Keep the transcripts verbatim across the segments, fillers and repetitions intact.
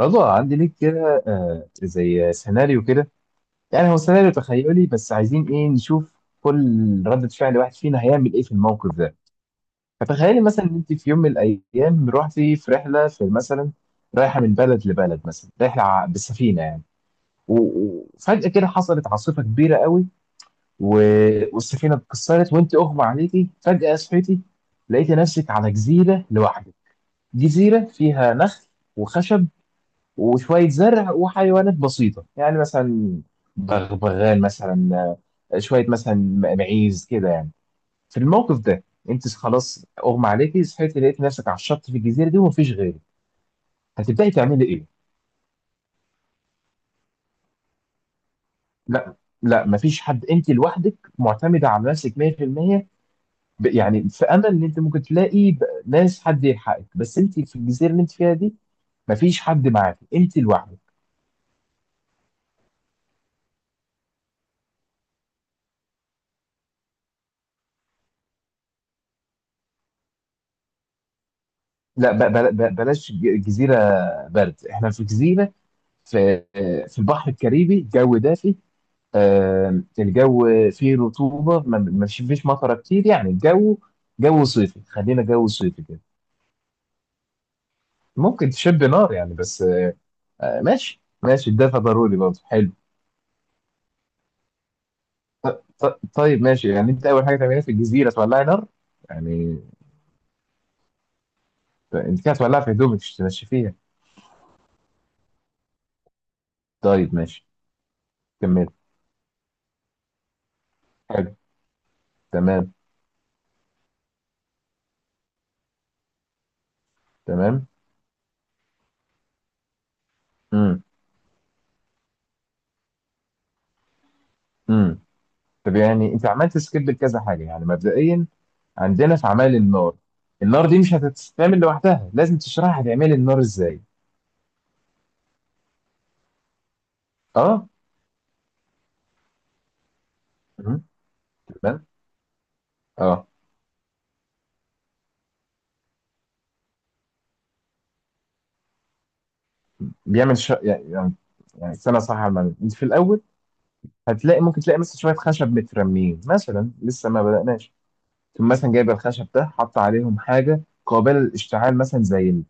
رضا، عندي ليك كده، آه، زي سيناريو كده. يعني هو سيناريو تخيلي، بس عايزين ايه؟ نشوف كل ردة فعل واحد فينا هيعمل ايه في الموقف ده. فتخيلي مثلا ان انت في يوم من الايام رحتي في رحلة، في مثلا رايحة من بلد لبلد، مثلا رحلة ع- بالسفينة يعني. و- و- وفجأة كده حصلت عاصفة كبيرة قوي، و- والسفينة اتكسرت، وانت اغمى عليكي. فجأة صحيتي لقيتي نفسك على جزيرة لوحدك. جزيرة فيها نخل وخشب وشوية زرع وحيوانات بسيطة، يعني مثلا بغبغان مثلا، آه، شوية مثلا م- معيز كده يعني. في الموقف ده انت خلاص اغمى عليكي، صحيتي لقيت نفسك على الشط في الجزيرة دي ومفيش غيرك. هتبدأي تعملي ايه؟ لا، لا مفيش حد، انت لوحدك معتمدة على نفسك مية في المية. ب- يعني في امل ان انت ممكن تلاقي ب- ناس، حد يلحقك، بس انت في الجزيرة اللي انت فيها دي مفيش حد معاك، انت لوحدك. لا، ب- بل- بل- بلاش ج- جزيرة برد، احنا في جزيرة في في البحر الكاريبي، الجو دافي. آم، الجو فيه رطوبة، ما ما فيش مطرة كتير، يعني الجو جو صيفي، خلينا جو صيفي كده. ممكن تشب نار يعني، بس آه، ماشي ماشي، الدفا ضروري برضه، حلو. ط- ط- طيب ماشي، يعني انت اول حاجة تعملها في الجزيرة تولعي نار يعني. انت كده هتولعها في هدومك مش تمشي فيها؟ طيب ماشي. كمل. حلو. تمام. تمام. امم. امم. طب يعني انت عملت سكيب لكذا حاجة يعني مبدئيا. عندنا في عمل النار، النار دي مش هتتعمل لوحدها، لازم تشرح هتعمل النار ازاي. اه. مم. تمام. اه. بيعمل ش... يعني يعني يعني استنى صح على المعلومة. انت في الاول هتلاقي، ممكن تلاقي مثلا شويه خشب مترميين مثلا، لسه ما بدأناش. ثم مثلا جايب الخشب ده حط عليهم حاجه قابله للاشتعال مثلا، زي ال-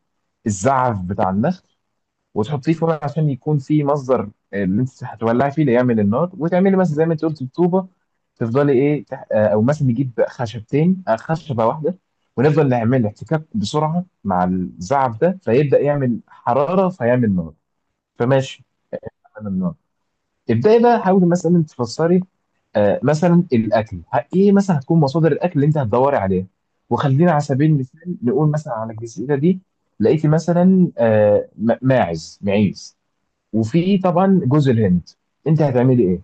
الزعف بتاع النخل، وتحطيه في ورق عشان يكون في مصدر اللي انت هتولعي فيه، اللي يعمل النار. وتعملي مثلا زي ما انت قلت بطوبه، تفضلي ايه تح... آه، او مثلا نجيب خشبتين، آه، خشبه واحده، ونفضل نعمل احتكاك بسرعه مع الزعف ده، فيبدا يعمل حراره فيعمل نار. فماشي. عمل النار، تبداي بقى حاولي مثلا تفسري، آه، مثلا الاكل، ه- ايه مثلا هتكون مصادر الاكل اللي انت هتدوري عليها؟ وخلينا على سبيل المثال نقول مثلا على الجزيره دي لقيتي مثلا آه، م- ماعز، معيز، وفي طبعا جوز الهند، انت هتعملي ايه؟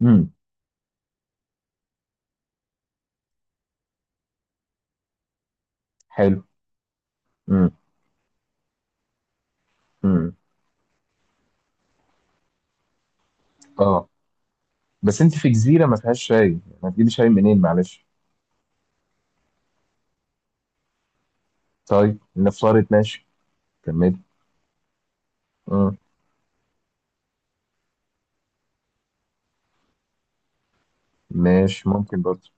امم. حلو. امم. امم. اه، بس انت في جزيره ما فيهاش شاي، هتجيبي شاي منين معلش؟ طيب نفترض ماشي. كملي. امم. ماشي، ممكن برضه.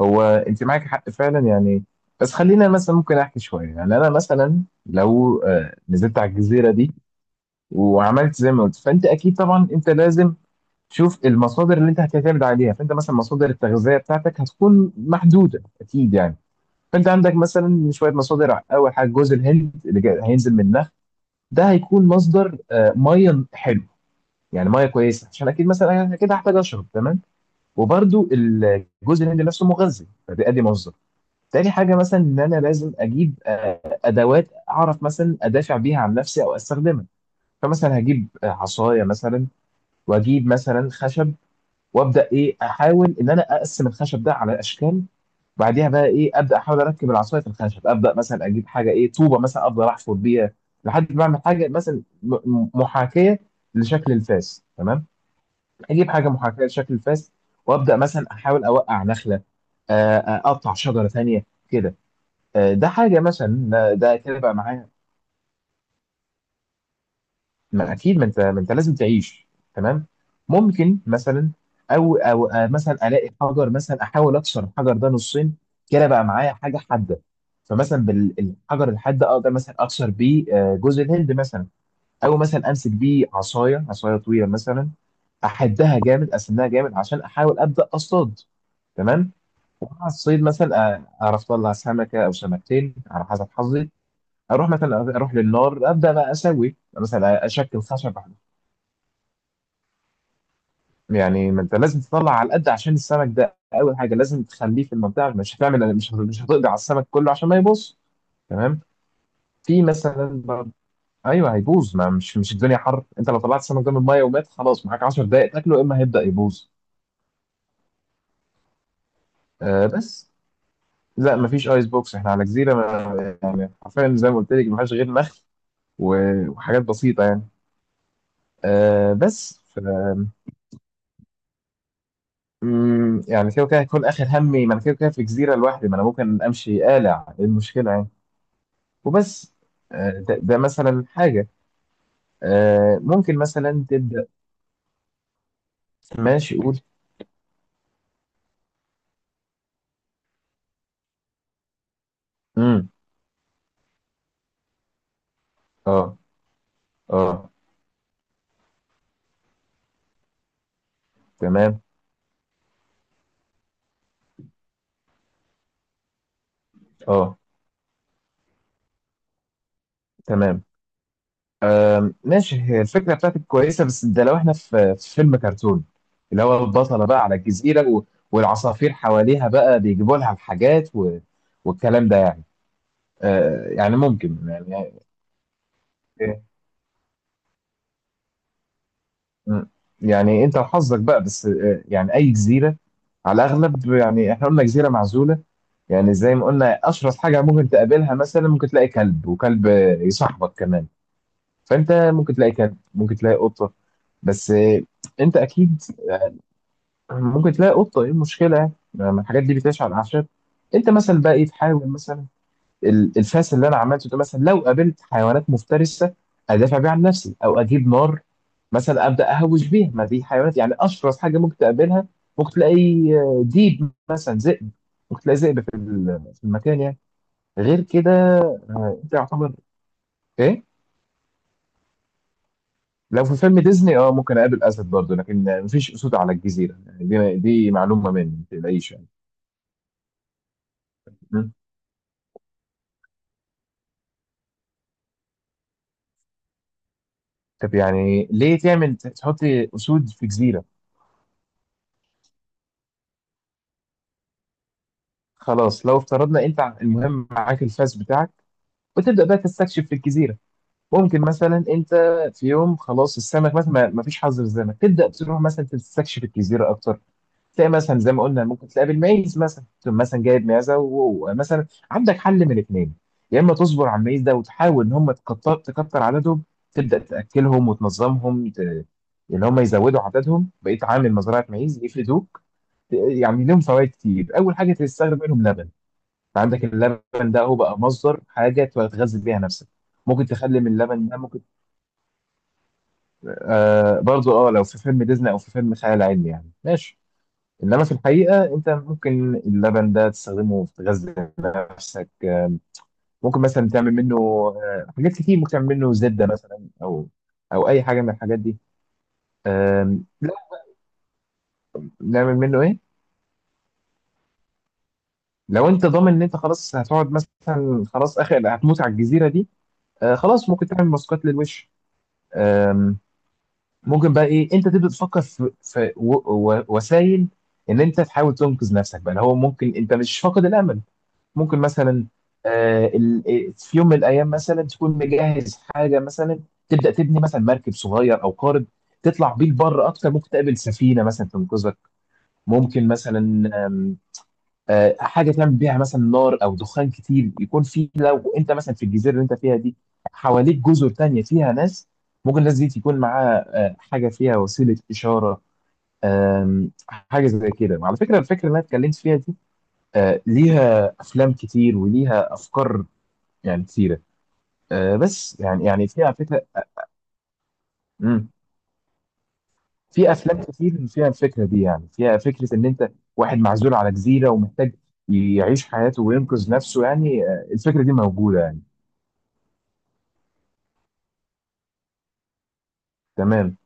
هو انت معاك حق فعلا يعني، بس خلينا مثلا ممكن احكي شويه. يعني انا مثلا لو آه، نزلت على الجزيره دي وعملت زي ما قلت، فانت اكيد طبعا انت لازم تشوف المصادر اللي انت هتعتمد عليها. فانت مثلا مصادر التغذيه بتاعتك هتكون محدوده اكيد يعني. فانت عندك مثلا شويه مصادر. اول حاجه جوز الهند، اللي جاي هينزل منها ده هيكون مصدر آه، ميه، حلو، يعني ميه كويسه عشان اكيد مثلا انا كده هحتاج اشرب، تمام. وبرده الجوز الهند نفسه مغذي، فده ادي مصدر. تاني حاجه مثلا ان انا لازم اجيب آه، ادوات اعرف مثلا ادافع بيها عن نفسي او استخدمها. فمثلا هجيب آه، عصايه مثلا، واجيب مثلا خشب، وابدا ايه، احاول ان انا اقسم الخشب ده على اشكال. بعديها بقى ايه، ابدا احاول اركب العصايه في الخشب. ابدا مثلا اجيب حاجه ايه، طوبه مثلا، افضل احفر بيها لحد ما اعمل حاجه مثلا م- محاكيه لشكل الفاس، تمام. اجيب حاجه محاكيه لشكل الفاس، وابدا مثلا احاول اوقع نخله، آه، آه، اقطع شجره ثانيه كده. آه، ده حاجه مثلا، ده ده كده بقى معايا. ما اكيد، ما انت ما انت لازم تعيش، تمام. ممكن مثلا او او آه، مثلا الاقي حجر، مثلا احاول اكسر الحجر ده نصين، كده بقى معايا حاجه حاده. فمثلا بالحجر الحاد ده اقدر مثلا اكسر بيه آه، جوز الهند مثلا، او مثلا امسك بيه عصايه، عصايه طويله مثلا، احدها جامد، اسنها جامد، عشان احاول ابدا اصطاد، تمام. ومع الصيد مثلا آه، اعرف اطلع سمكه او سمكتين على حسب حظي، اروح مثلا، اروح للنار، ابدا بقى اسوي مثلا اشكل خشب. يعني ما انت لازم تطلع على القد، عشان السمك ده اول حاجه لازم تخليه في المنطقه، مش هتعمل مش مش هتقضي على السمك كله عشان ما يبوظ، تمام. في مثلا برضه، ايوه هيبوظ، ما مش مش الدنيا حر، انت لو طلعت السمك ده من الميه ومات خلاص معاك 10 دقائق تاكله، يا اما هيبدا يبوظ. آه بس، لا مفيش ايس بوكس، احنا على جزيره، ما يعني حرفيا زي ما قلت لك ما فيهاش غير نخل و- وحاجات بسيطه يعني. آه بس ف... مم، يعني كده كده هيكون اخر همي، ما انا كده كده في جزيره لوحدي، ما انا ممكن امشي قالع، ايه المشكله يعني؟ وبس. آه، ده, ده مثلا حاجة، آه، ممكن مثلا تبدأ. ماشي، قول. امم. اه. اه. تمام. اه. تمام. آم، ماشي، هي الفكرة بتاعتك كويسة، بس ده لو احنا في في فيلم كرتون، اللي هو البطلة بقى على الجزيرة و- والعصافير حواليها بقى بيجيبوا لها الحاجات و... والكلام ده يعني، آه، يعني ممكن يعني. مم. يعني انت وحظك بقى، بس آه، يعني اي جزيرة على الاغلب، يعني احنا قلنا جزيرة معزولة، يعني زي ما قلنا اشرس حاجه ممكن تقابلها مثلا، ممكن تلاقي كلب، وكلب يصاحبك كمان. فانت ممكن تلاقي كلب، ممكن تلاقي قطه، بس آه، انت اكيد آه، ممكن تلاقي قطه، ايه المشكله يعني؟ ما الحاجات دي بتعيش على الاعشاب. انت مثلا بقى ايه، تحاول مثلا ال- الفاس اللي انا عملته ده، مثلا لو قابلت حيوانات مفترسه ادافع بيها عن نفسي، او اجيب نار مثلا ابدا اهوش بيها، ما دي حيوانات يعني. اشرس حاجه ممكن تقابلها ممكن تلاقي آه، ديب مثلا، ذئب، ممكن تلاقي ذئب في ال- في المكان يعني، غير كده. آه، انت يعتبر ايه؟ لو في فيلم ديزني اه ممكن اقابل اسد برضه، لكن مفيش اسود على الجزيره يعني، دي دي معلومه مني، ما تقلقيش يعني. م؟ طب يعني ليه تعمل، تحط اسود في جزيره؟ خلاص لو افترضنا، انت المهم معاك الفاس بتاعك، وتبدا بقى تستكشف في الجزيره. ممكن مثلا انت في يوم خلاص السمك مثلا ما ما فيش حظر السمك، تبدا تروح مثلا تستكشف الجزيره اكتر، تلاقي مثلا زي ما قلنا ممكن تلاقي بالمعيز مثلا، تقوم مثلا جايب معزه، ومثلا عندك حل من الاثنين، يا اما تصبر على المعيز ده وتحاول ان هم تكتر تكتر عددهم، تبدا تاكلهم وتنظمهم ت... اللي هم يزودوا عددهم، بقيت عامل مزرعه معيز يفردوك. يعني لهم فوائد كتير، اول حاجه تستخدم منهم لبن، عندك اللبن ده هو بقى مصدر حاجه تغذي بيها نفسك. ممكن تخلي من اللبن ده ممكن آه برضو، اه لو في فيلم ديزني او في فيلم خيال علمي يعني ماشي، انما في الحقيقه انت ممكن اللبن ده تستخدمه في غزل نفسك، آه، ممكن مثلا تعمل منه آه، حاجات كتير، ممكن تعمل منه زبده مثلا، او او اي حاجه من الحاجات دي. آم، لا، نعمل منه ايه؟ لو انت ضامن ان انت خلاص هتقعد مثلا، خلاص اخر هتموت على الجزيره دي، آه، خلاص ممكن تعمل ماسكات للوش. آم، ممكن بقى ايه، انت تبدا تفكر في, في و- و- وسائل ان انت تحاول تنقذ نفسك بقى، اللي هو ممكن انت مش فاقد الامل. ممكن مثلا آه، ال- آه، في يوم من الايام مثلا تكون مجهز حاجه مثلا تبدا تبني مثلا مركب صغير او قارب، تطلع بيه لبره اكتر، ممكن تقابل سفينه مثلا تنقذك. ممكن مثلا آم، آه، حاجه تعمل بيها مثلا نار او دخان كتير، يكون في لو انت مثلا في الجزيره اللي انت فيها دي حواليك جزر تانية فيها ناس، ممكن الناس دي تكون معاها آه، حاجه فيها وسيله اشاره. آم، حاجه زي كده. على فكره، الفكره اللي انا اتكلمت فيها دي آه، ليها افلام كتير وليها افكار يعني كتيرة. آه بس يعني، يعني في على فكرة. مم. في أفلام كتير فيها الفكرة دي، يعني فيها فكرة إن أنت واحد معزول على جزيرة ومحتاج يعيش حياته وينقذ نفسه يعني، آه الفكرة دي موجودة يعني. تمام.